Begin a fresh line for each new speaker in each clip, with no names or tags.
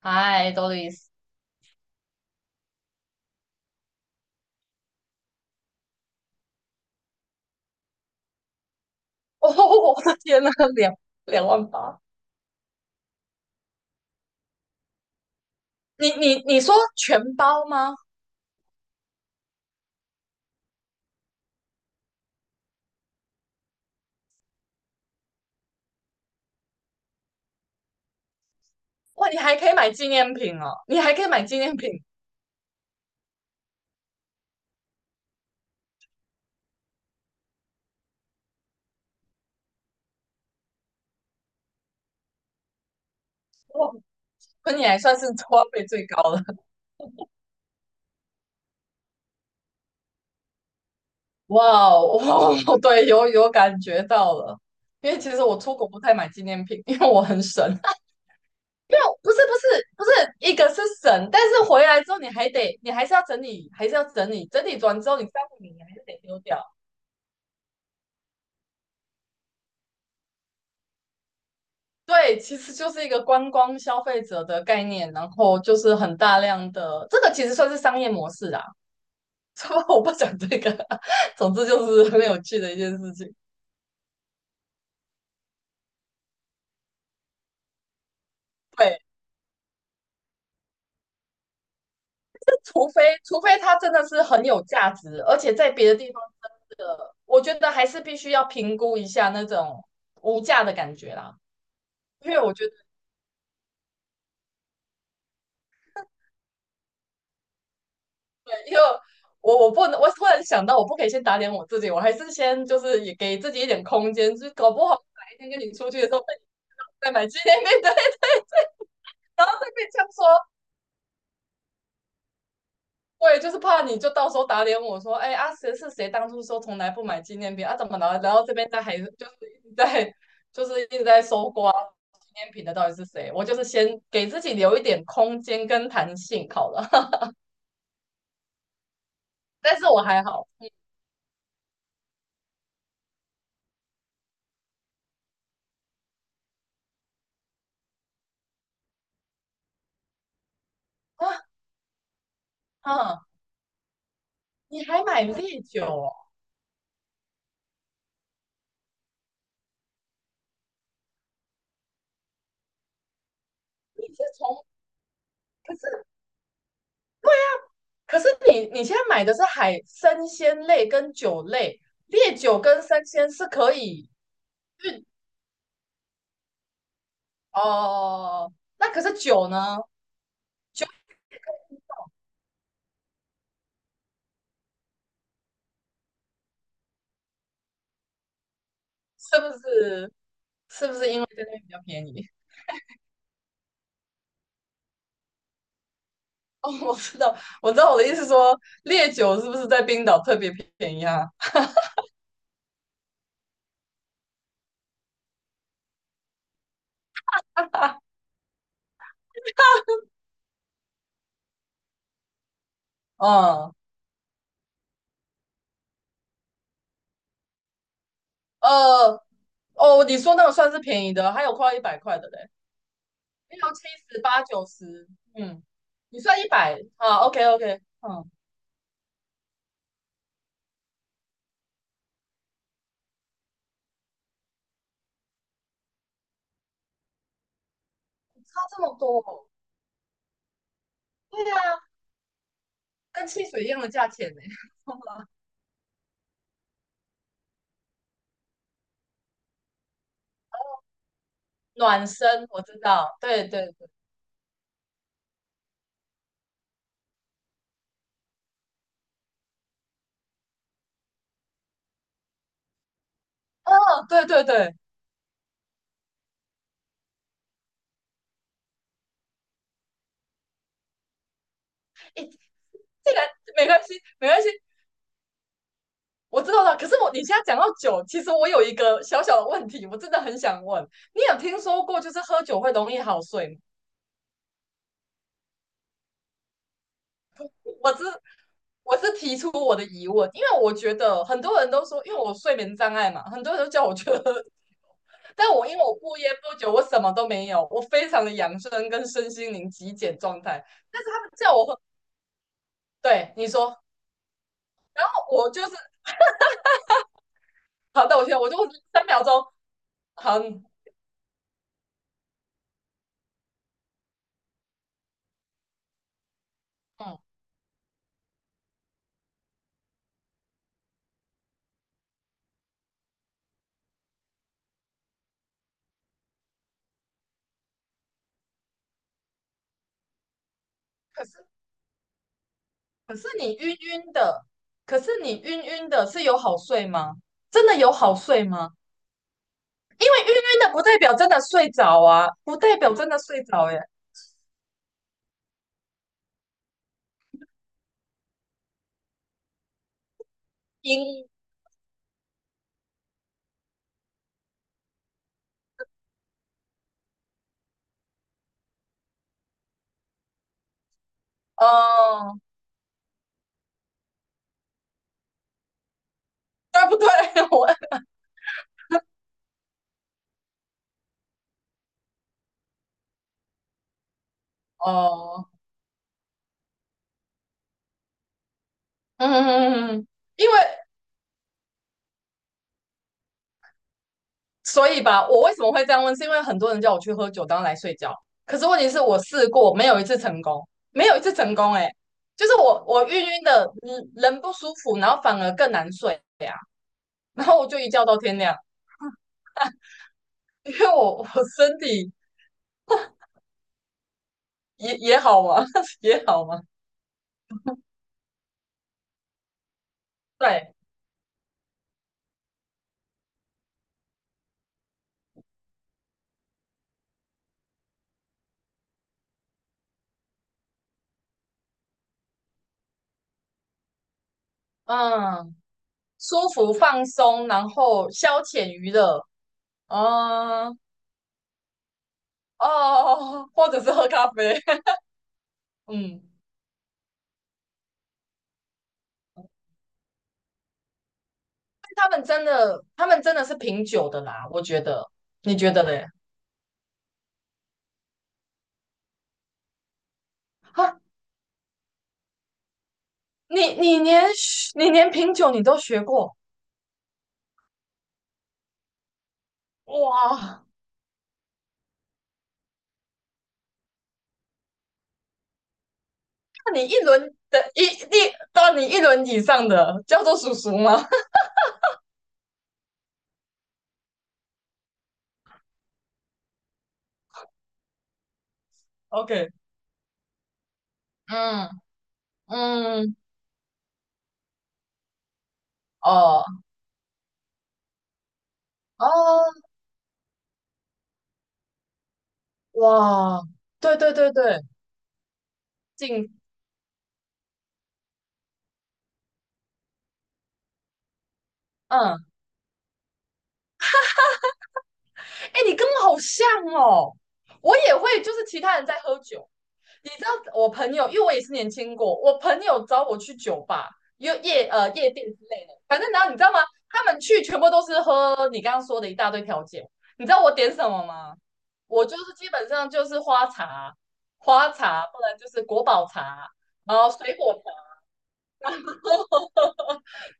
嗨，多丽丝，哦，我的天呐，两两万八！你说全包吗？哇，你还可以买纪念品哦，你还可以买纪念品，哇，那你还算是 花费最高的。哇哦，哇哦对，有感觉到了，因为其实我出国不太买纪念品，因为我很省。哦，不是不是不是，一个是省，但是回来之后你还得，你还是要整理，还是要整理，整理完之后你再不理，你还是得丢掉。对，其实就是一个观光消费者的概念，然后就是很大量的，这个其实算是商业模式啦。这我不讲这个，总之就是很有趣的一件事情。对，除非它真的是很有价值，而且在别的地方真的，我觉得还是必须要评估一下那种无价的感觉啦。因为我觉因为我不能，我突然想到，我不可以先打脸我自己，我还是先就是也给自己一点空间，就是搞不好哪一天跟你出去的时候被你在买纪念品，对，然后再被这样说，我也就是怕你就到时候打脸我说，哎，啊，谁是谁当初说从来不买纪念品啊？怎么了？然后这边在还是就是一直在就是一直在搜刮纪念品的到底是谁？我就是先给自己留一点空间跟弹性好了，但是我还好。啊啊，你还买烈酒哦？你是从可是可是你现在买的是海生鲜类跟酒类，烈酒跟生鲜是可以运哦。那可是酒呢？是不是？是不是因为在那边比较便宜？哦，我知道，我知道我的意思说，烈酒是不是在冰岛特别便宜啊？嗯，呃，哦，你说那个算是便宜的，还有快要一百块的嘞，六七十八九十，嗯，你算一百啊？OK OK,嗯，差这么多哦，对呀。跟汽水一样的价钱呢、暖身我知道，对对对，哦，对对对，诶，这个没关系，没关系，我知道了。可是你现在讲到酒，其实我有一个小小的问题，我真的很想问，你有听说过就是喝酒会容易好睡吗？我知。我是提出我的疑问，因为我觉得很多人都说，因为我睡眠障碍嘛，很多人都叫我去喝，但因为我不烟不酒，我什么都没有，我非常的养生跟身心灵极简状态，但是他们叫我喝，对你说，我就是好的，我觉得我就三秒钟，很嗯，可是可是你晕晕的，可是你晕晕的是有好睡吗？真的有好睡吗？因为晕晕的不代表真的睡着啊，不代表真的睡着耶。因哦，对不对？我哦，嗯，因为所以吧，我为什么会这样问，是因为很多人叫我去喝酒当来睡觉，可是问题是我试过，没有一次成功，没有一次成功、欸，哎，就是我晕晕的，嗯人不舒服，然后反而更难睡呀、啊然后我就一觉到天亮，因为我身体也也好嘛，也好嘛，对，嗯，舒服放松，然后消遣娱乐，嗯，哦，或者是喝咖啡，嗯。他们真的，他们真的是品酒的啦，我觉得，你觉得嘞？啊，你连你连品酒你都学过，哇，那你一轮的一到你一轮以上的叫做叔叔吗 ？OK,嗯嗯，哦哦，哇，对对对对，进，嗯，哎，你跟我好像哦，我也会，就是其他人在喝酒，你知道我朋友，因为我也是年轻过，我朋友找我去酒吧、夜店之类的，反正然后你知道吗？他们去全部都是喝你刚刚说的一大堆调酒，你知道我点什么吗？我就是基本上就是花茶、花茶，不然就是国宝茶，然后水果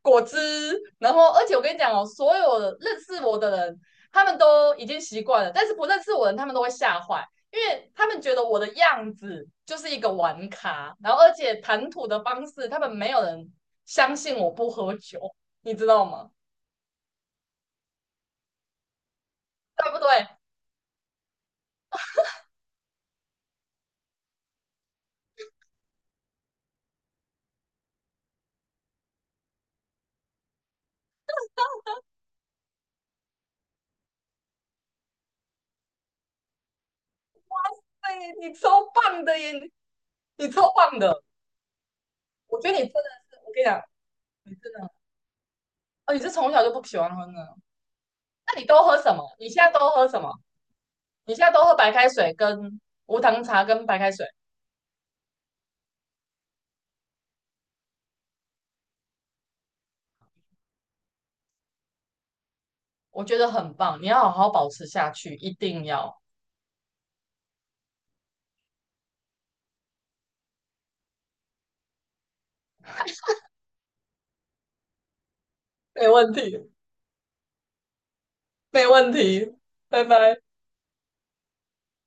果汁，然后而且我跟你讲哦，所有认识我的人，他们都已经习惯了，但是不认识我的人，他们都会吓坏，因为他们觉得我的样子就是一个玩咖，然后而且谈吐的方式，他们没有人相信我不喝酒，你知道吗？对不对？对，你超棒的耶，你超棒的，我觉得你真的是，我跟你讲，你真的，哦，你是从小就不喜欢喝呢？那你都喝什么？你现在都喝什么？你现在都喝白开水跟无糖茶跟白开水？我觉得很棒，你要好好保持下去，一定要。没问题，没问题，拜拜。